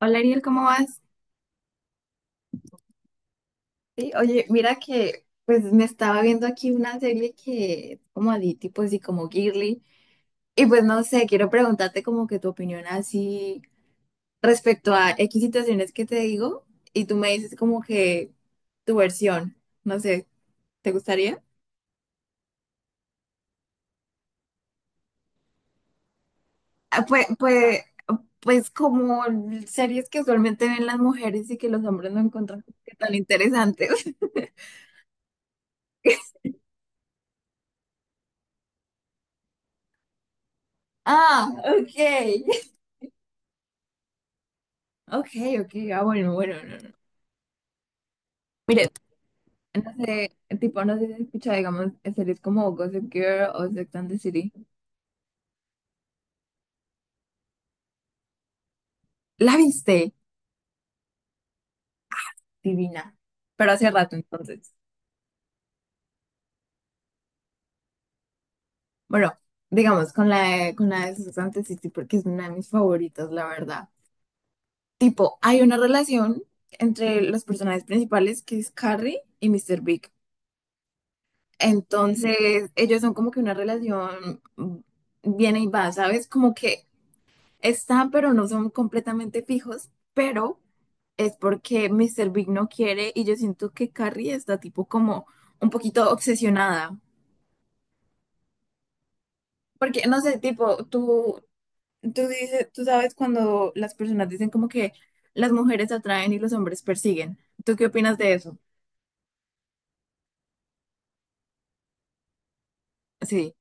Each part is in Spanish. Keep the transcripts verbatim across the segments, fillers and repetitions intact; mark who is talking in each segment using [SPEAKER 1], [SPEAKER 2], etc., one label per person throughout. [SPEAKER 1] Hola Ariel, ¿cómo vas? Sí, oye, mira que pues me estaba viendo aquí una serie que es como de tipo así como girly y pues no sé, quiero preguntarte como que tu opinión así respecto a X situaciones que te digo y tú me dices como que tu versión, no sé, ¿te gustaría? Ah, Pues, pues, pues como series que usualmente ven las mujeres y que los hombres no encuentran como que tan interesantes. Ah, ok, ok, ok, ah bueno, bueno, no, no. No sé, tipo, no sé si has escuchado, digamos, series como Gossip Girl o Sex and the City. ¿La viste? Divina. Pero hace rato, entonces. Bueno, digamos, con la de, con la de Sex and the City, porque es una de mis favoritas, la verdad. Tipo, hay una relación entre los personajes principales, que es Carrie y míster Big. Entonces, ellos son como que una relación mm, viene y va, ¿sabes? Como que Están, pero no son completamente fijos, pero es porque míster Big no quiere y yo siento que Carrie está tipo como un poquito obsesionada. Porque, no sé, tipo, tú, tú dices, tú sabes cuando las personas dicen como que las mujeres atraen y los hombres persiguen. ¿Tú qué opinas de eso? Sí.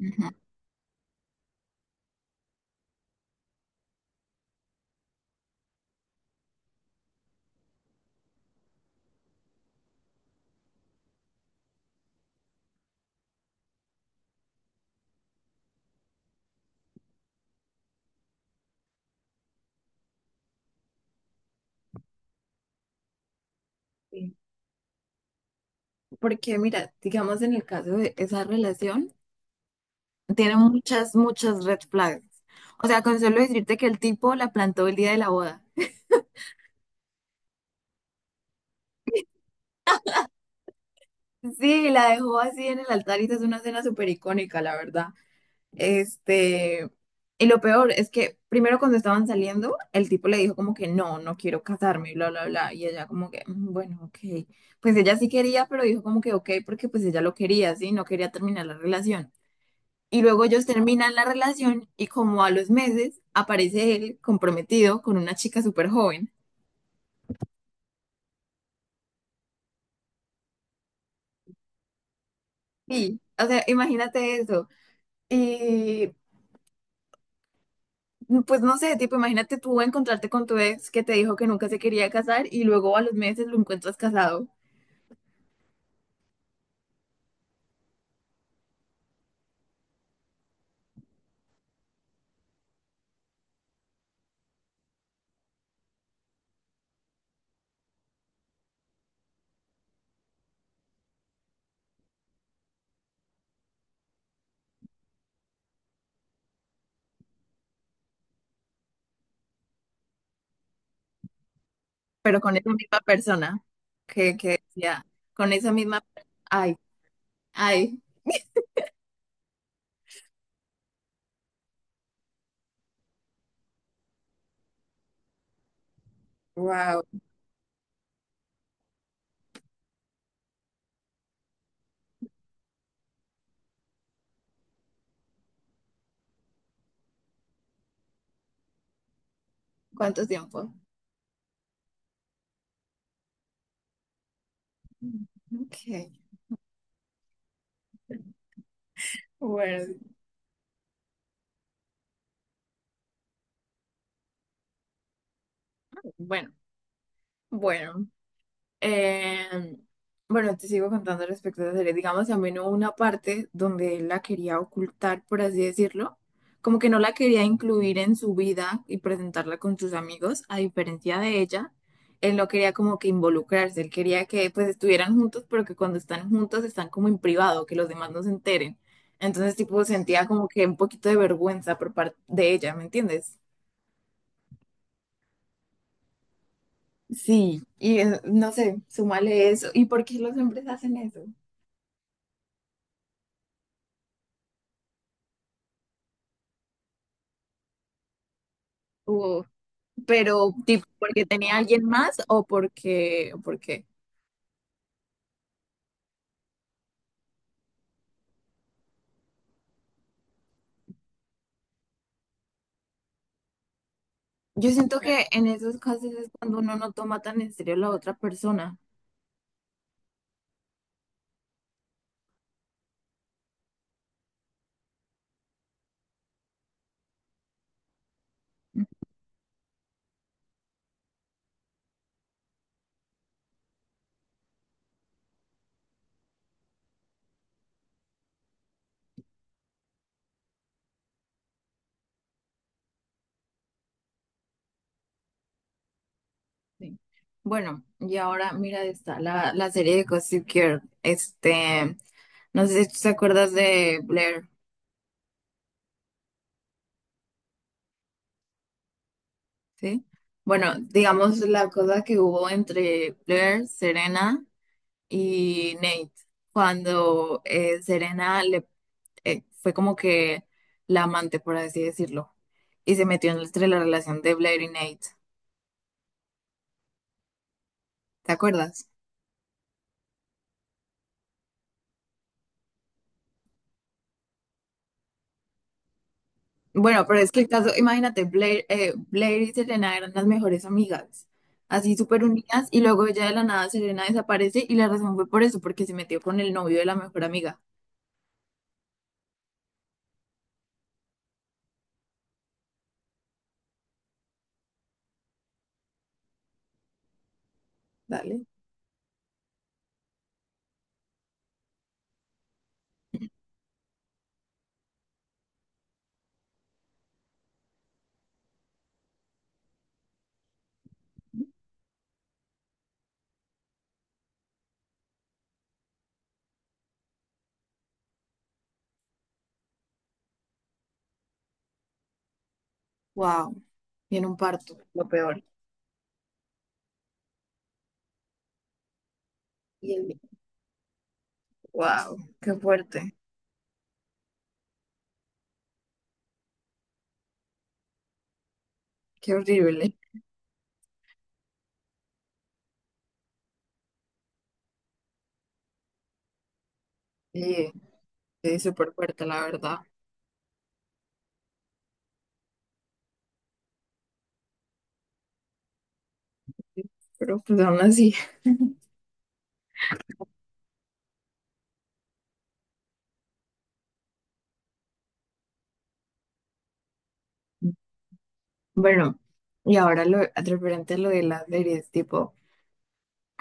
[SPEAKER 1] Ujú. Sí. Porque, mira, digamos en el caso de esa relación, tiene muchas, muchas red flags. O sea, con solo decirte que el tipo la plantó el día de la boda. Sí, la dejó así en el altar y esa es una escena súper icónica, la verdad. Este, y lo peor es que primero cuando estaban saliendo, el tipo le dijo como que no, no quiero casarme, y bla, bla, bla. Y ella como que, "Mm, bueno, ok. Pues ella sí quería, pero dijo como que ok, porque pues ella lo quería, sí, no quería terminar la relación. Y luego ellos terminan la relación y como a los meses aparece él comprometido con una chica súper joven. Sí, o sea, imagínate eso. Y pues no sé, tipo, imagínate tú encontrarte con tu ex que te dijo que nunca se quería casar y luego a los meses lo encuentras casado, pero con esa misma persona que, que decía, con esa misma... Ay, ay, wow, ¿cuánto tiempo? Ok, bueno, bueno, bueno. Eh, bueno, te sigo contando respecto a la serie. Digamos, también hubo una parte donde él la quería ocultar, por así decirlo. Como que no la quería incluir en su vida y presentarla con sus amigos, a diferencia de ella. Él no quería como que involucrarse, él quería que pues estuvieran juntos, pero que cuando están juntos están como en privado, que los demás no se enteren. Entonces, tipo, sentía como que un poquito de vergüenza por parte de ella, ¿me entiendes? Sí, y eh, no sé, súmale eso. ¿Y por qué los hombres hacen eso? Pero tipo porque tenía alguien más o porque, o porque yo siento que en esos casos es cuando uno no toma tan en serio a la otra persona. Sí. Bueno, y ahora mira, está la, la serie de Gossip Girl. Este, no sé si tú te acuerdas de Blair, ¿sí? Bueno, digamos la cosa que hubo entre Blair, Serena y Nate, cuando eh, Serena le eh, fue como que la amante, por así decirlo, y se metió entre la relación de Blair y Nate. ¿Te acuerdas? Bueno, pero es que el caso, imagínate, Blair, eh, Blair y Serena eran las mejores amigas, así súper unidas, y luego ya de la nada Serena desaparece y la razón fue por eso, porque se metió con el novio de la mejor amiga. Dale. Wow, y en un parto, lo peor. Y el- Wow, qué fuerte, qué horrible. Sí, sí, súper fuerte, la verdad. Pero pues aún así. Bueno, y ahora lo referente a lo de las series, tipo,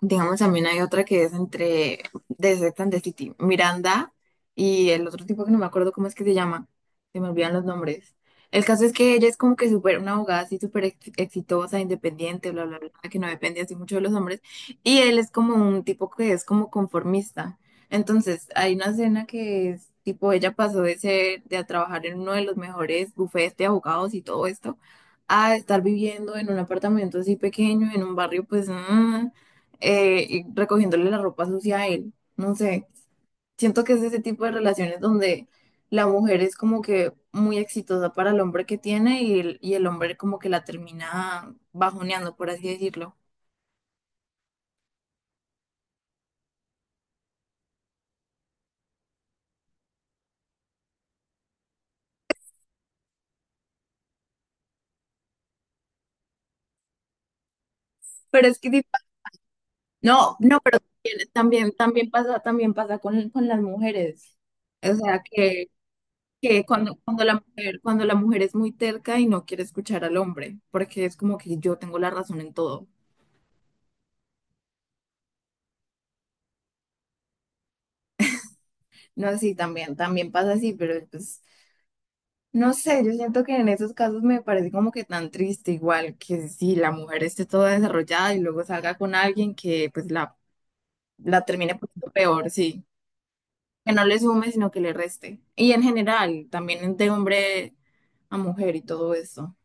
[SPEAKER 1] Digamos, también hay otra que es entre de Sex and the City, Miranda y el otro tipo que no me acuerdo cómo es que se llama, se me olvidan los nombres. El caso es que ella es como que súper, una abogada así súper ex- exitosa, independiente, bla, bla, bla, que no depende así mucho de los hombres. Y él es como un tipo que es como conformista. Entonces, hay una escena que es tipo, ella pasó de ser, de a trabajar en uno de los mejores bufetes de abogados y todo esto, a estar viviendo en un apartamento así pequeño, en un barrio, pues, mm, eh, y recogiéndole la ropa sucia a él. No sé, siento que es ese tipo de relaciones donde la mujer es como que muy exitosa para el hombre que tiene y el, y el hombre como que la termina bajoneando, por así decirlo. Pero es que, sí pa- No, no, pero también, también también pasa, también pasa con, con las mujeres. O sea, que, que cuando, cuando la mujer, cuando la mujer es muy terca y no quiere escuchar al hombre, porque es como que yo tengo la razón en todo. No, sí, también, también pasa así, pero pues No sé, yo siento que en esos casos me parece como que tan triste, igual que si la mujer esté toda desarrollada y luego salga con alguien que pues la, la termine poniendo peor, sí, que no le sume, sino que le reste. Y en general, también de hombre a mujer y todo eso.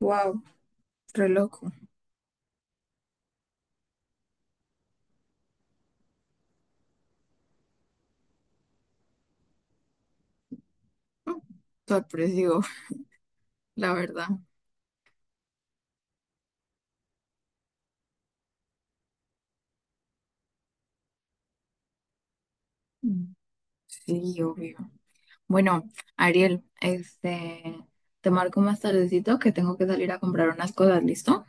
[SPEAKER 1] Wow, re loco. Mm, Sorpresivo, la verdad. Mm. Sí, obvio. Bueno, Ariel, este, te marco más tardecito que tengo que salir a comprar unas cosas, ¿listo?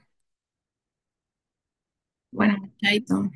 [SPEAKER 1] Bueno, chaito.